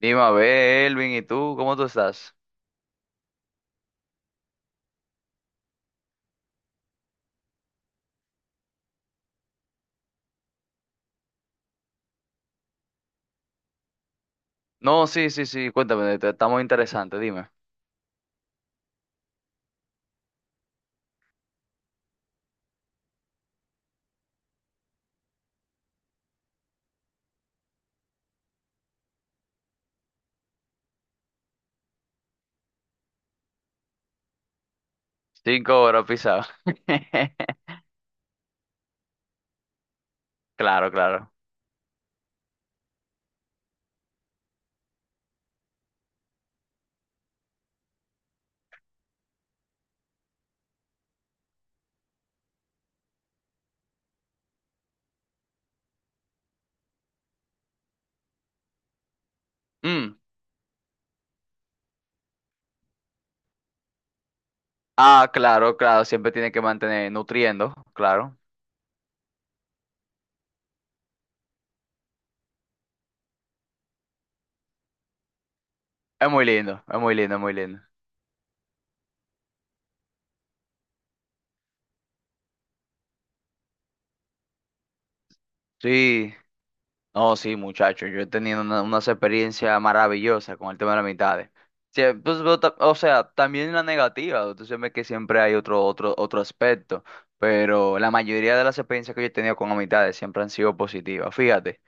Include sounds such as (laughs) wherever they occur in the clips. Dime, a ver, Elvin, ¿y tú? ¿Cómo tú estás? No, sí, sí, sí, cuéntame, estamos interesantes, dime. Cinco horas pisado. (laughs) Claro, claro. Mm. Ah, claro, claro, siempre tiene que mantener nutriendo, claro. Es muy lindo, es muy lindo, es muy lindo. Sí. No, sí, muchachos, yo he tenido una, unas experiencias maravillosas con el tema de las amistades. Sí, pues, pero o sea, también la negativa, entonces sabes que siempre hay otro aspecto, pero la mayoría de las experiencias que yo he tenido con amistades siempre han sido positivas. Fíjate,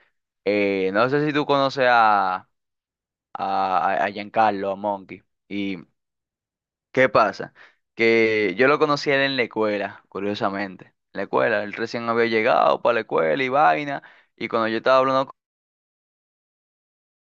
no sé si tú conoces a, a Giancarlo, a Monkey, y ¿qué pasa? Que yo lo conocí a él en la escuela, curiosamente. En la escuela, él recién había llegado para la escuela y vaina. Y cuando yo estaba hablando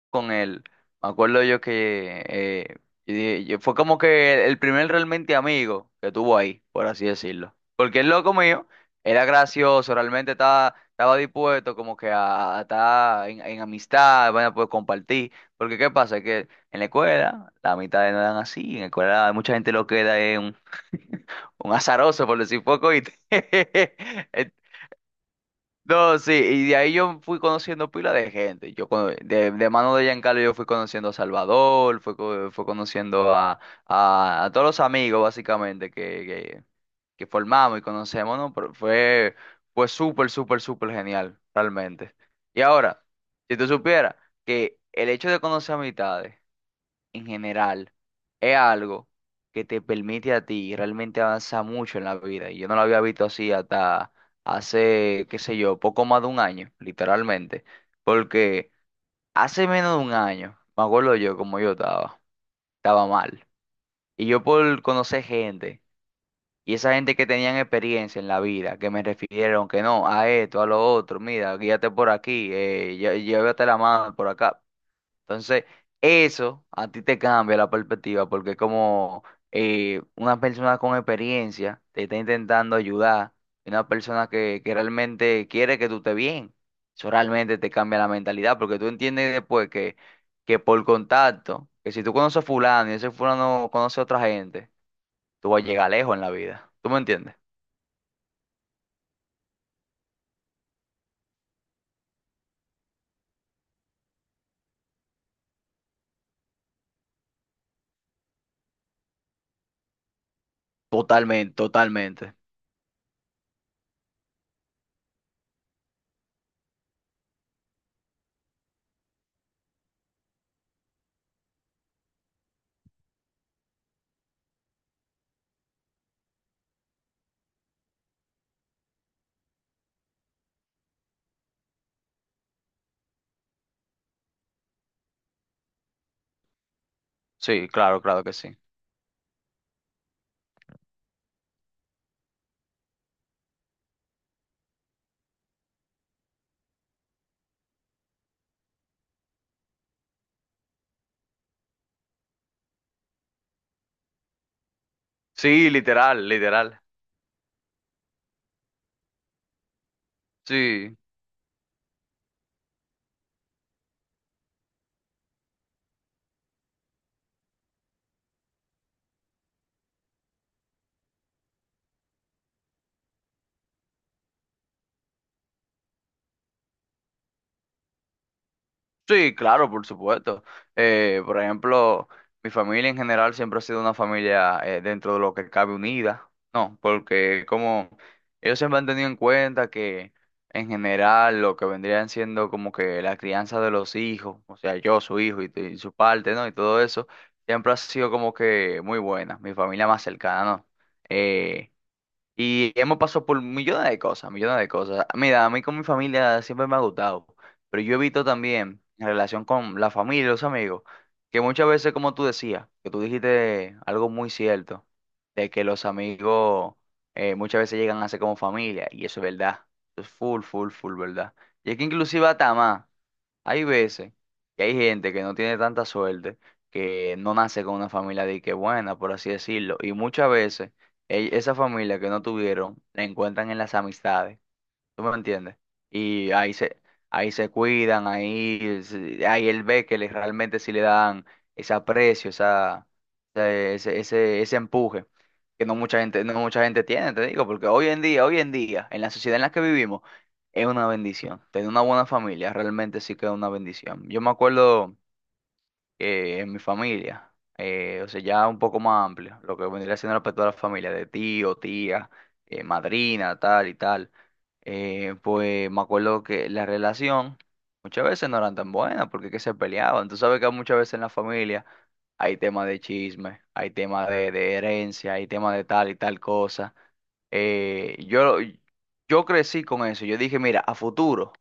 con él. Me acuerdo yo que fue como que el primer realmente amigo que tuvo ahí, por así decirlo. Porque el loco mío era gracioso, realmente estaba dispuesto como que a estar en amistad, bueno, pues compartir. Porque ¿qué pasa? Que en la escuela la mitad no eran así, en la escuela mucha gente lo queda en un, (laughs) un azaroso, por decir poco, y (laughs) entonces no, sí, y de ahí yo fui conociendo pila de gente. De mano de Giancarlo yo fui conociendo a Salvador, fui conociendo a, a todos los amigos básicamente que formamos y conocemos, ¿no? Pero fue súper, súper, súper genial, realmente. Y ahora, si tú supieras que el hecho de conocer amistades en general es algo que te permite a ti realmente avanzar mucho en la vida. Y yo no lo había visto así hasta hace, qué sé yo, poco más de un año, literalmente. Porque hace menos de un año, me acuerdo yo como estaba mal. Y yo por conocer gente, y esa gente que tenían experiencia en la vida, que me refirieron que no, a esto, a lo otro, mira, guíate por aquí, llévate la mano por acá. Entonces, eso a ti te cambia la perspectiva porque es como una persona con experiencia te está intentando ayudar y una persona que realmente quiere que tú estés bien. Eso realmente te cambia la mentalidad porque tú entiendes después que por contacto, que si tú conoces a fulano y ese fulano conoce a otra gente, tú vas a llegar lejos en la vida. ¿Tú me entiendes? Totalmente, totalmente. Sí, claro, claro que sí. Sí, literal, literal. Sí. Sí, claro, por supuesto. Por ejemplo, mi familia en general siempre ha sido una familia dentro de lo que cabe unida, ¿no? Porque como ellos siempre han tenido en cuenta que en general lo que vendrían siendo como que la crianza de los hijos, o sea, yo, su hijo y su parte, ¿no? Y todo eso, siempre ha sido como que muy buena, mi familia más cercana, ¿no? Eh, y hemos pasado por millones de cosas, millones de cosas. Mira, a mí con mi familia siempre me ha gustado, pero yo he visto también en relación con la familia y los amigos, que muchas veces, como tú decías, que tú dijiste algo muy cierto, de que los amigos muchas veces llegan a ser como familia, y eso es verdad, eso es full, full, full verdad. Y es que inclusive hasta más. Hay veces que hay gente que no tiene tanta suerte, que no nace con una familia de que buena, por así decirlo, y muchas veces esa familia que no tuvieron la encuentran en las amistades. ¿Tú me entiendes? Y ahí se, ahí se cuidan, ahí, ahí él ve que realmente sí le dan ese aprecio, ese empuje que no mucha gente, no mucha gente tiene, te digo, porque hoy en día, en la sociedad en la que vivimos, es una bendición. Tener una buena familia realmente sí que es una bendición. Yo me acuerdo en mi familia, o sea, ya un poco más amplio, lo que vendría siendo respecto a la familia de tío, tía, madrina, tal y tal, pues me acuerdo que la relación muchas veces no eran tan buenas porque que se peleaban. Tú sabes que muchas veces en la familia hay temas de chisme, hay temas de herencia, hay temas de tal y tal cosa. Eh, yo, yo crecí con eso, yo dije, mira, a futuro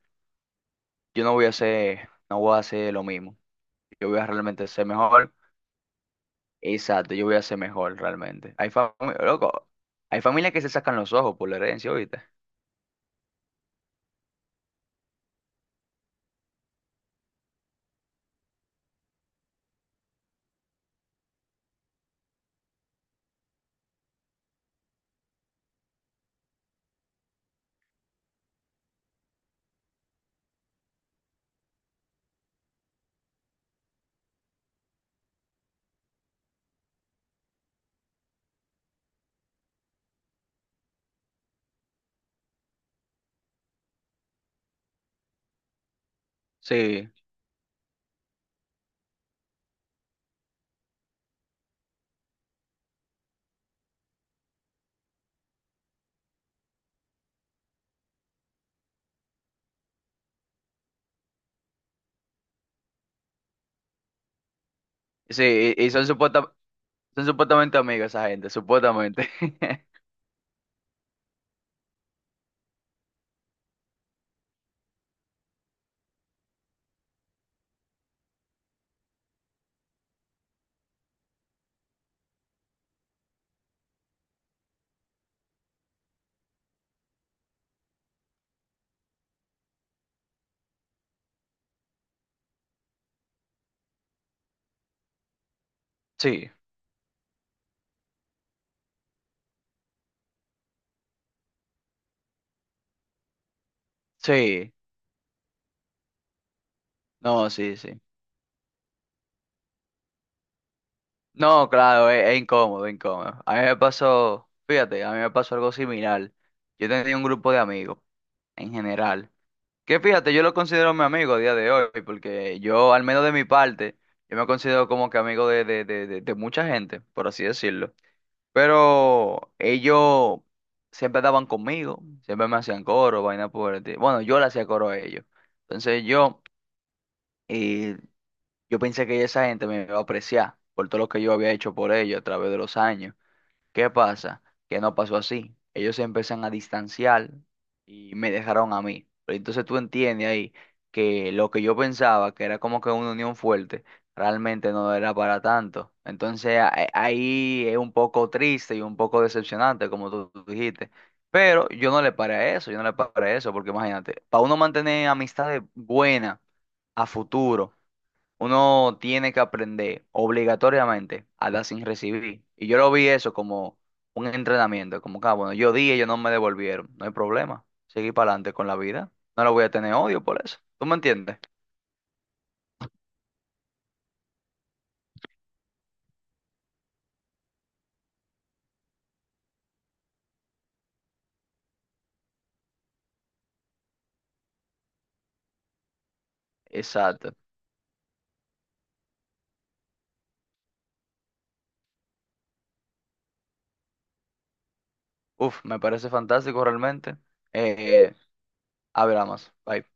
yo no voy a hacer, no voy a hacer lo mismo, yo voy a realmente ser mejor. Exacto, yo voy a ser mejor realmente. Hay familias, loco, hay familias que se sacan los ojos por la herencia, ¿viste? Sí, sí, y son, son supuestamente amigos esa gente, supuestamente. (laughs) Sí, sí, no, sí, sí. No, claro, es incómodo, es incómodo. A mí me pasó, fíjate, a mí me pasó algo similar. Yo tenía un grupo de amigos, en general, que fíjate, yo lo considero mi amigo a día de hoy, porque yo, al menos de mi parte, yo me considero como que amigo de, de mucha gente, por así decirlo. Pero ellos siempre daban conmigo, siempre me hacían coro, vaina por el bueno, yo le hacía coro a ellos. Entonces yo, eh, yo pensé que esa gente me iba a apreciar por todo lo que yo había hecho por ellos a través de los años. ¿Qué pasa? Que no pasó así. Ellos se empiezan a distanciar y me dejaron a mí. Pero entonces tú entiendes ahí que lo que yo pensaba, que era como que una unión fuerte, realmente no era para tanto. Entonces ahí es un poco triste y un poco decepcionante, como tú dijiste. Pero yo no le paré a eso, yo no le paré a eso, porque imagínate, para uno mantener amistades buenas a futuro uno tiene que aprender obligatoriamente a dar sin recibir. Y yo lo vi eso como un entrenamiento, como que, ah, bueno, yo di, ellos no me devolvieron, no hay problema. Seguí para adelante con la vida. No le voy a tener odio por eso. ¿Tú me entiendes? Exacto. Uf, me parece fantástico realmente. Eh, hablamos. Bye.